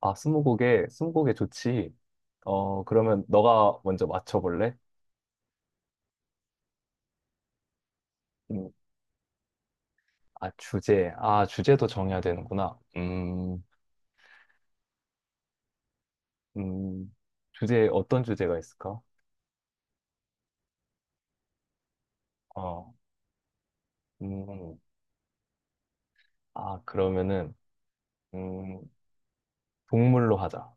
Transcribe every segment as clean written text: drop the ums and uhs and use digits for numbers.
아, 스무고개, 스무고개 좋지. 어, 그러면 너가 먼저 맞춰볼래? 음, 아, 주제. 아, 주제도 정해야 되는구나. 음, 주제, 어떤 주제가 있을까? 어, 음, 아, 그러면은, 음, 동물로 하자.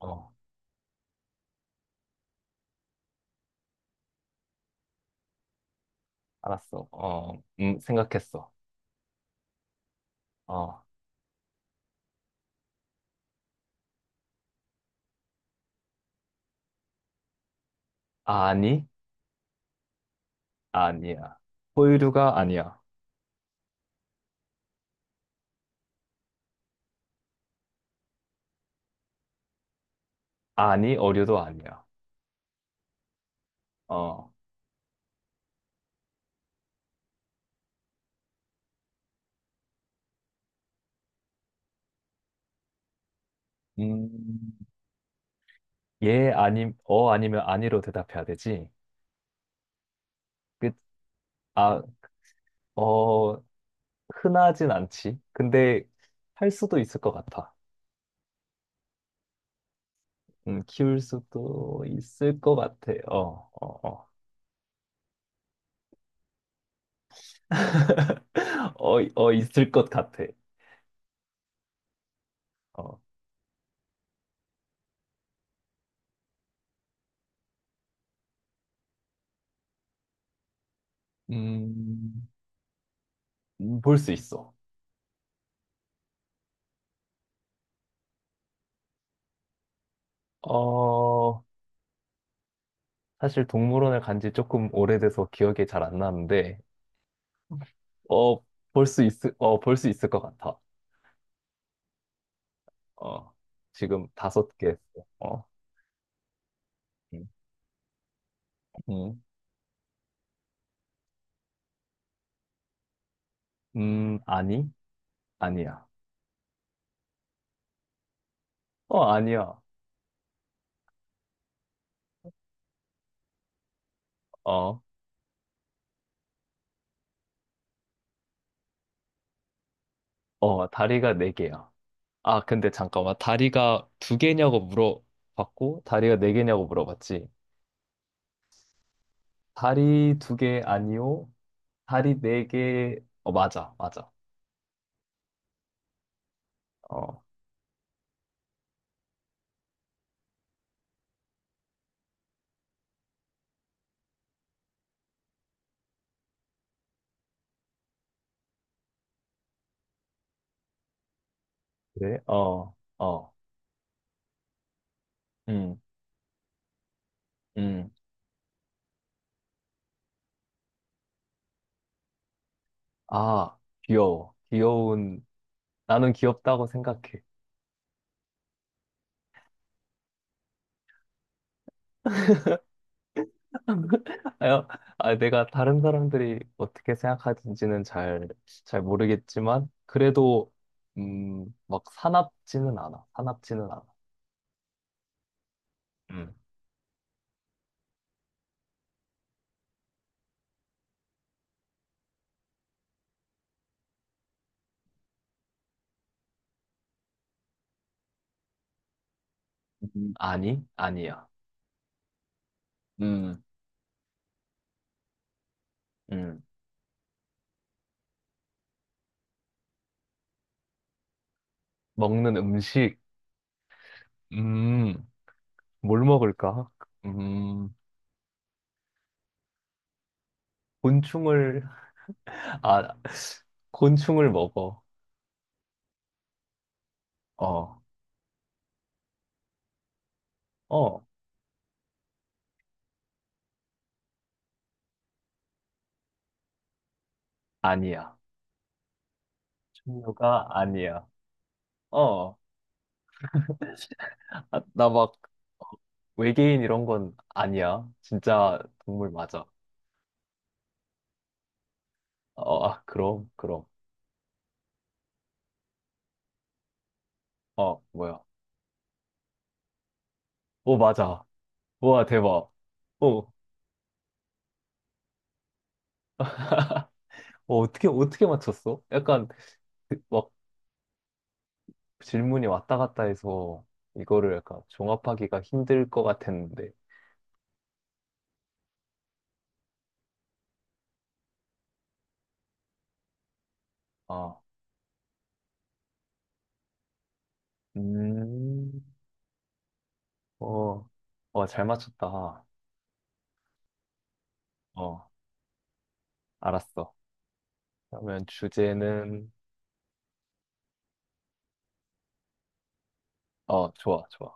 어, 알았어. 어, 생각했어. 어, 아니? 아니야. 포유류가 아니야. 아니, 어류도 아니야. 어, 음, 예, 아니 어, 아니면 아니로 대답해야 되지? 아, 어, 흔하진 않지. 근데 할 수도 있을 것 같아. 키울 수도 있을 것 같아. 어, 어, 어. 어, 어, 있을 것 같아. 어, 음, 볼 수 있어. 어, 사실 동물원을 간지 조금 오래돼서 기억이 잘 안 나는데, 어, 볼 수 있, 어, 볼 수 있을 것 같아. 어, 지금 5개 했어. 어, 음, 음, 아니? 아니야. 어, 아니야. 어. 어, 다리가 4개야. 아, 근데 잠깐만. 다리가 2개냐고 물어봤고, 다리가 4개냐고 물어봤지. 다리 2개 아니요? 다리 4개 어, 맞아, 맞아. 어, 그래? 어, 어, 음, 음. 아, 귀여워. 귀여운, 나는 귀엽다고 생각해. 아, 아, 내가 다른 사람들이 어떻게 생각하는지는 잘, 잘 모르겠지만, 그래도, 막 사납지는 않아. 사납지는 않아. 응. 아니, 아니야. 음, 음, 먹는 음식, 음, 뭘 먹을까? 음, 곤충을, 아, 곤충을 먹어. 어, 어, 아니야. 종류가 아니야. 어, 아, 나막 어, 외계인 이런 건 아니야. 진짜 동물 맞아. 어, 아, 그럼, 그럼. 어, 뭐야. 오, 맞아. 우와, 대박. 어, 어, 어떻게, 어떻게 맞췄어? 약간, 그, 막, 질문이 왔다 갔다 해서 이거를 약간 종합하기가 힘들 것 같았는데, 아, 음, 어, 어, 잘 맞췄다. 어, 알았어. 그러면 주제는, 어, 좋아, 좋아.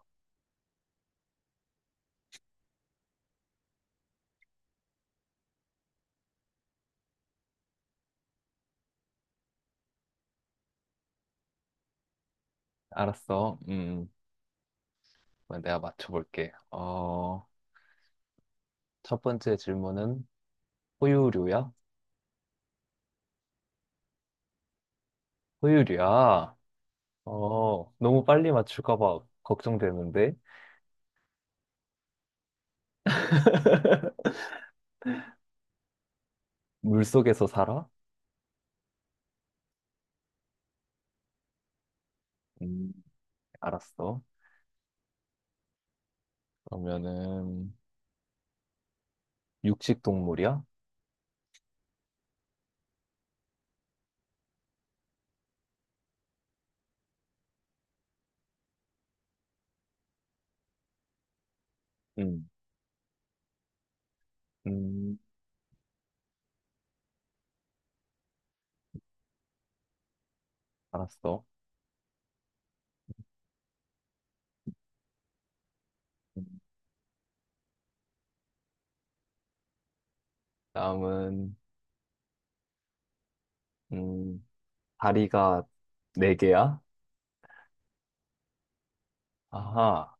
알았어. 그럼 내가 맞춰볼게. 어, 첫 번째 질문은 호유류야? 호유류야? 어, 너무 빨리 맞출까 봐 걱정되는데, 물속에서 살아? 음, 알았어. 그러면은, 육식 동물이야? 음. 음, 알았어. 다음은, 음, 다리가 4개야? 아하,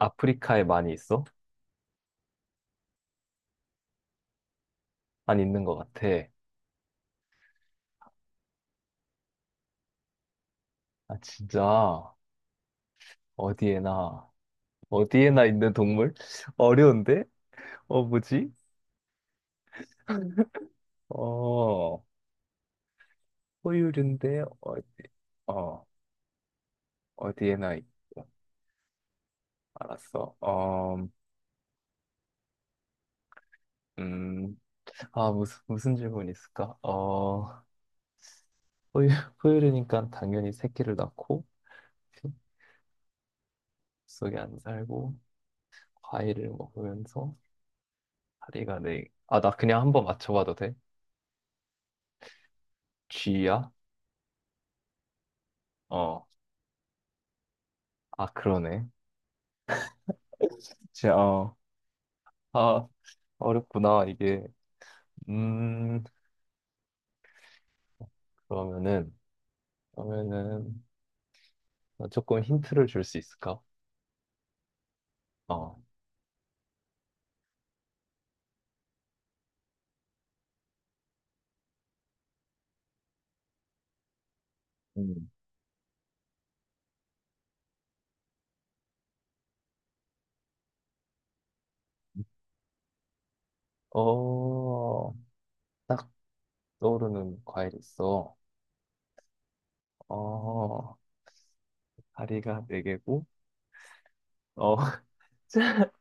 아프리카에 많이 있어? 안 있는 것 같아. 아, 진짜, 어디에나, 어디에나 있는 동물? 어려운데? 어, 뭐지? 어, 포유류인데, 어, 어, 어디에나 있어. 알았어. 어, 음, 아, 무슨, 무슨 질문이 있을까? 어, 포유, 포유류니까 당연히 새끼를 낳고, 속에 안 살고, 과일을 먹으면서 다리가 네. 아, 나 그냥 한번 맞춰봐도 돼? G야? 어. 아, 그러네. 진짜 어. 아, 어렵구나, 이게. 음, 그러면은, 그러면은, 나 조금 힌트를 줄 수 있을까? 어. 음. 어, 딱 떠오르는 과일 있어. 어, 다리가 4개고, 어,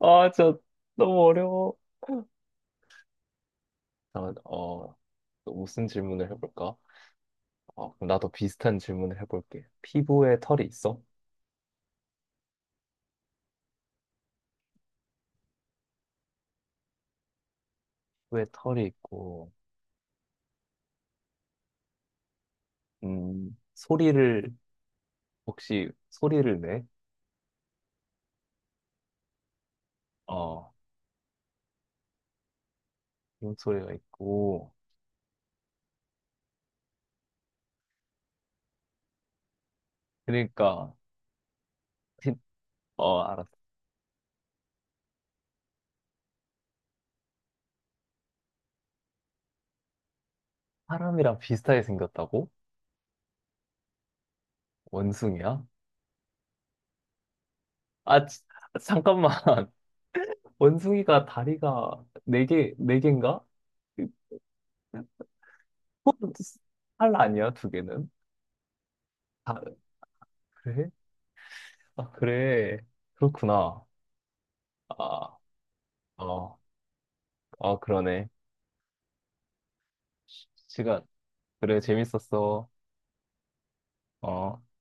아, 저 너무 어려워. 잠깐만, 어, 또 무슨 질문을 해볼까? 어, 그럼 나도 비슷한 질문을 해볼게. 피부에 털이 있어? 피부에 털이 있고, 소리를, 혹시 소리를 내? 어, 이런 소리가 있고, 그러니까, 피- 어, 알았어. 사람이랑 비슷하게 생겼다고? 원숭이야? 아, 지- 잠깐만. 원숭이가 다리가 4개, 4개인가? 팔 아니야, 2개는? 아, 그래? 아, 그래. 그렇구나. 아, 어, 어, 그러네. 시간. 그래, 재밌었어. 어.